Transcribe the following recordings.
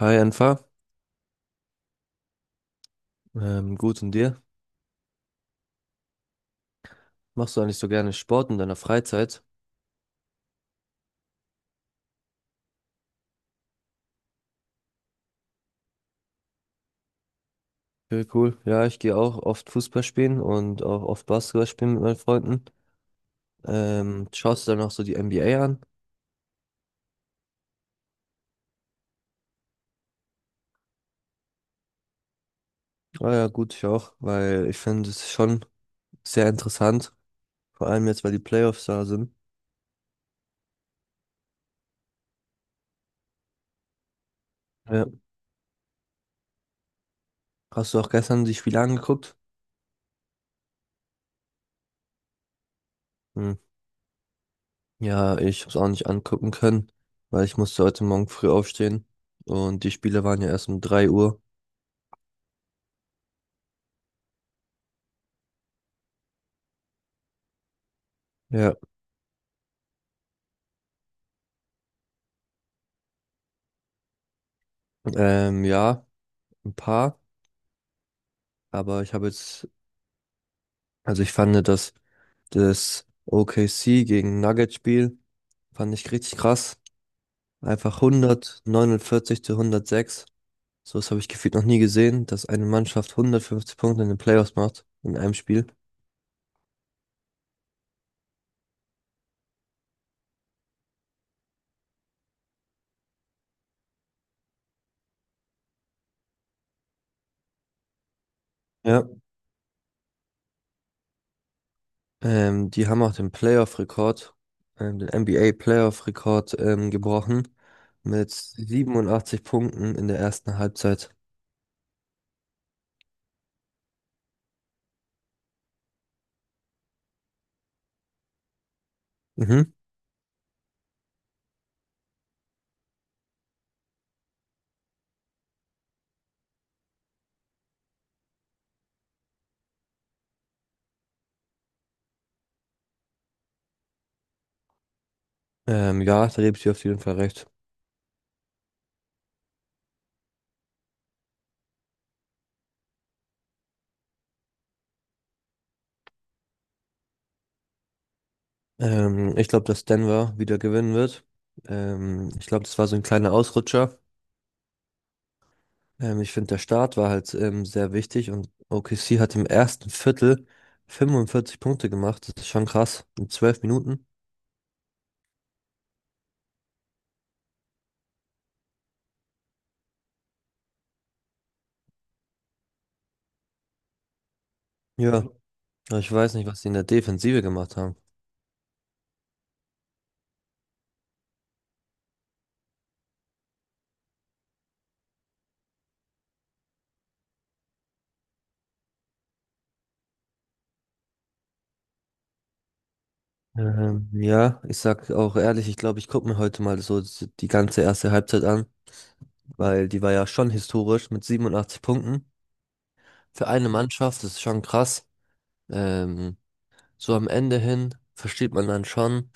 Hi Enfa, gut und dir? Machst du eigentlich so gerne Sport in deiner Freizeit? Okay, cool. Ja, ich gehe auch oft Fußball spielen und auch oft Basketball spielen mit meinen Freunden. Schaust du dann auch so die NBA an? Ah ja, gut, ich auch, weil ich finde es schon sehr interessant, vor allem jetzt, weil die Playoffs da sind. Ja. Hast du auch gestern die Spiele angeguckt? Hm. Ja, ich habe es auch nicht angucken können, weil ich musste heute Morgen früh aufstehen und die Spiele waren ja erst um 3 Uhr. Ja. Ja, ein paar. Aber ich habe jetzt, also ich fand das, das OKC gegen Nuggets-Spiel, fand ich richtig krass. Einfach 149 zu 106. So was habe ich gefühlt noch nie gesehen, dass eine Mannschaft 150 Punkte in den Playoffs macht, in einem Spiel. Ja. Die haben auch den Playoff-Rekord, den NBA-Playoff-Rekord gebrochen mit 87 Punkten in der ersten Halbzeit. Mhm. Ja, da gebe ich dir auf jeden Fall recht. Ich glaube, dass Denver wieder gewinnen wird. Ich glaube, das war so ein kleiner Ausrutscher. Ich finde, der Start war halt sehr wichtig und OKC hat im ersten Viertel 45 Punkte gemacht. Das ist schon krass. In 12 Minuten. Ja, aber ich weiß nicht, was sie in der Defensive gemacht haben. Ja, ich sag auch ehrlich, ich glaube, ich gucke mir heute mal so die ganze erste Halbzeit an, weil die war ja schon historisch mit 87 Punkten. Für eine Mannschaft, das ist schon krass. Ähm, So am Ende hin versteht man dann schon,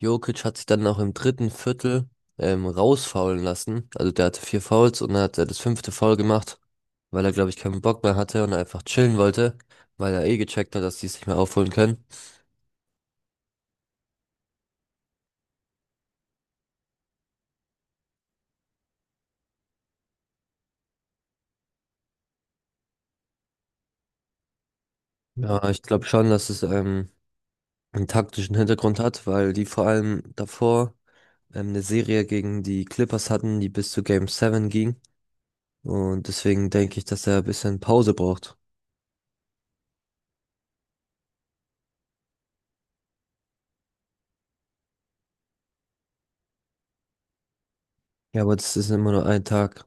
Jokic hat sich dann auch im dritten Viertel rausfaulen lassen. Also der hatte vier Fouls und dann hat er das fünfte Foul gemacht, weil er, glaube ich, keinen Bock mehr hatte und einfach chillen wollte, weil er eh gecheckt hat, dass die es nicht mehr aufholen können. Ja, ich glaube schon, dass es einen taktischen Hintergrund hat, weil die vor allem davor eine Serie gegen die Clippers hatten, die bis zu Game 7 ging. Und deswegen denke ich, dass er ein bisschen Pause braucht. Ja, aber das ist immer nur ein Tag.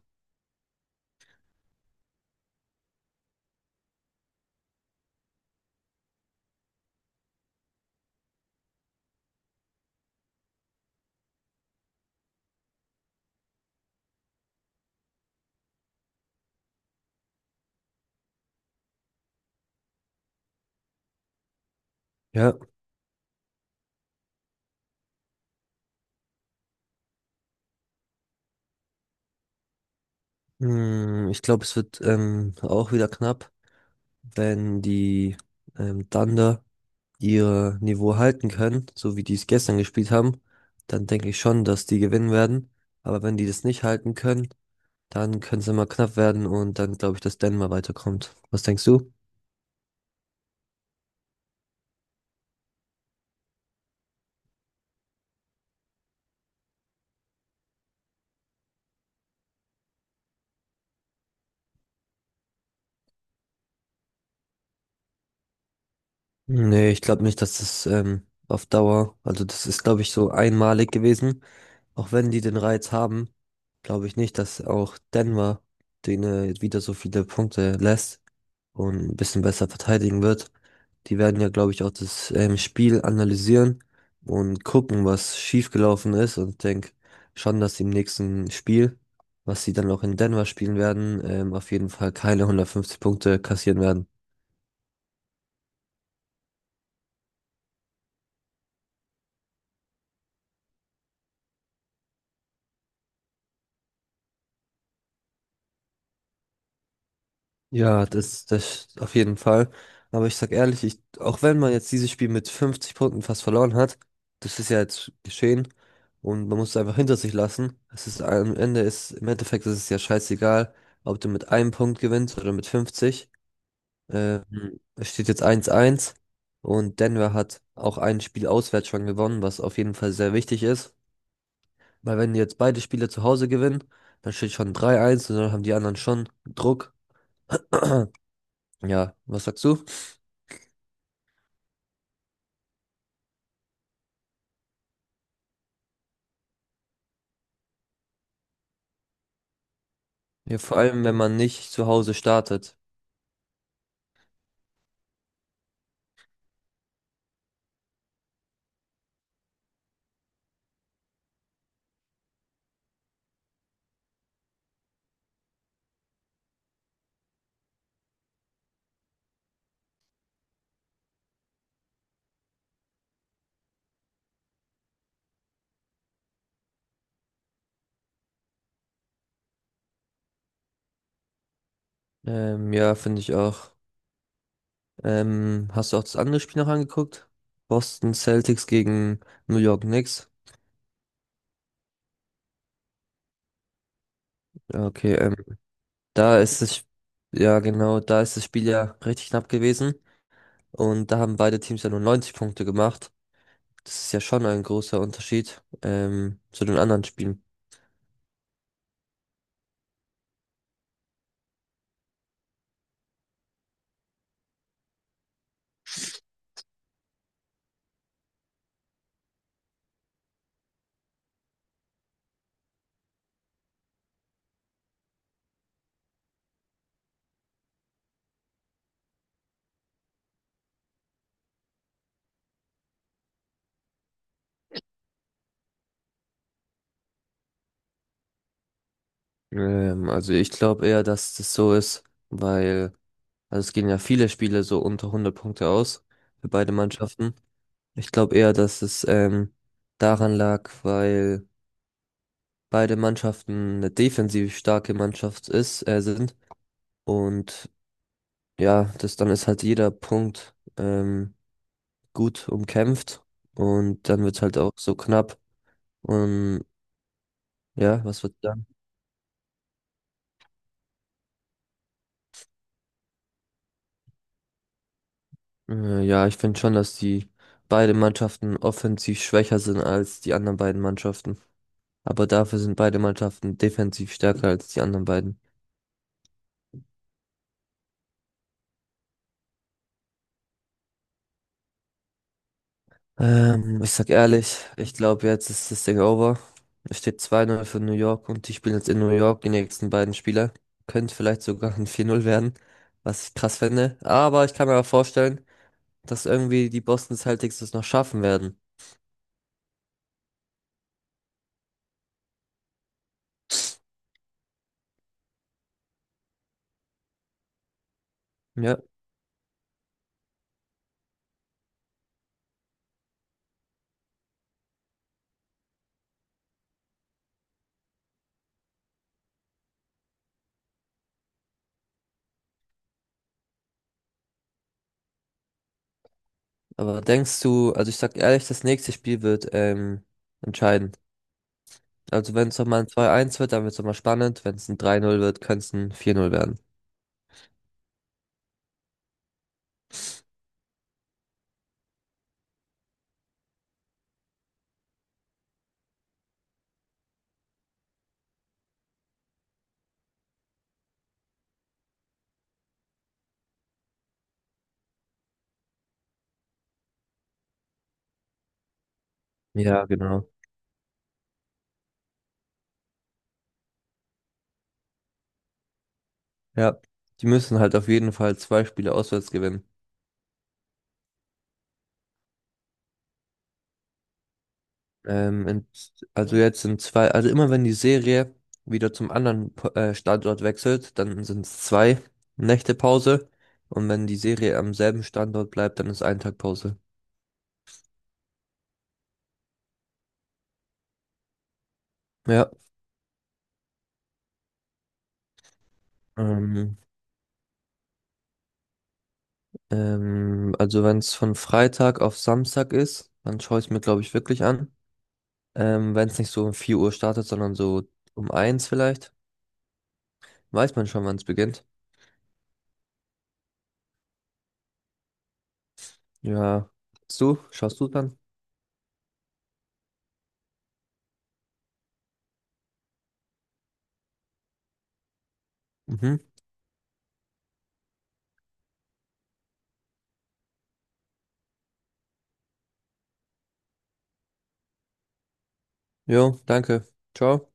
Ja. Ich glaube, es wird auch wieder knapp, wenn die Thunder ihr Niveau halten können, so wie die es gestern gespielt haben, dann denke ich schon, dass die gewinnen werden. Aber wenn die das nicht halten können, dann können es immer knapp werden und dann glaube ich, dass Denver weiterkommt. Was denkst du? Nee, ich glaube nicht, dass das auf Dauer, also das ist, glaube ich, so einmalig gewesen. Auch wenn die den Reiz haben, glaube ich nicht, dass auch Denver denen wieder so viele Punkte lässt und ein bisschen besser verteidigen wird. Die werden ja, glaube ich, auch das Spiel analysieren und gucken, was schiefgelaufen ist. Und ich denke schon, dass sie im nächsten Spiel, was sie dann auch in Denver spielen werden, auf jeden Fall keine 150 Punkte kassieren werden. Ja, das auf jeden Fall. Aber ich sag ehrlich, ich, auch wenn man jetzt dieses Spiel mit 50 Punkten fast verloren hat, das ist ja jetzt geschehen und man muss es einfach hinter sich lassen. Es ist am Ende ist, im Endeffekt ist es ja scheißegal, ob du mit einem Punkt gewinnst oder mit 50. Ähm, es steht jetzt 1-1 und Denver hat auch ein Spiel auswärts schon gewonnen, was auf jeden Fall sehr wichtig ist. Weil wenn jetzt beide Spiele zu Hause gewinnen, dann steht schon 3-1 und dann haben die anderen schon Druck. Ja, was sagst du? Ja, vor allem, wenn man nicht zu Hause startet. Ja, finde ich auch. Hast du auch das andere Spiel noch angeguckt? Boston Celtics gegen New York Knicks. Ja, okay, da ist es, ja genau, da ist das Spiel ja richtig knapp gewesen. Und da haben beide Teams ja nur 90 Punkte gemacht. Das ist ja schon ein großer Unterschied, zu den anderen Spielen. Also ich glaube eher, dass das so ist, weil, also es gehen ja viele Spiele so unter 100 Punkte aus für beide Mannschaften. Ich glaube eher, dass es daran lag, weil beide Mannschaften eine defensiv starke Mannschaft ist, sind. Und ja, das dann ist halt jeder Punkt gut umkämpft. Und dann wird es halt auch so knapp. Und ja, was wird dann? Ja, ich finde schon, dass die beide Mannschaften offensiv schwächer sind als die anderen beiden Mannschaften. Aber dafür sind beide Mannschaften defensiv stärker als die anderen beiden. Ich sag ehrlich, ich glaube, jetzt ist das Ding over. Es steht 2-0 für New York und die spielen jetzt in New York die nächsten beiden Spiele. Könnte vielleicht sogar ein 4-0 werden, was ich krass fände. Aber ich kann mir auch vorstellen, dass irgendwie die Boston Celtics das noch schaffen werden. Ja, aber denkst du, also ich sag ehrlich, das nächste Spiel wird entscheiden. Also wenn es nochmal ein 2-1 wird, dann wird es nochmal spannend. Wenn es ein 3-0 wird, könnte es ein 4-0 werden. Ja, genau. Ja, die müssen halt auf jeden Fall zwei Spiele auswärts gewinnen. In, also jetzt sind zwei, also immer wenn die Serie wieder zum anderen Standort wechselt, dann sind es 2 Nächte Pause. Und wenn die Serie am selben Standort bleibt, dann ist ein Tag Pause. Ja. Ähm, also wenn es von Freitag auf Samstag ist, dann schaue ich es mir, glaube ich, wirklich an. Wenn es nicht so um 4 Uhr startet, sondern so um eins vielleicht, weiß man schon, wann es beginnt. Ja. Hast du? Schaust du dann? Mhm. Jo, danke. Ciao.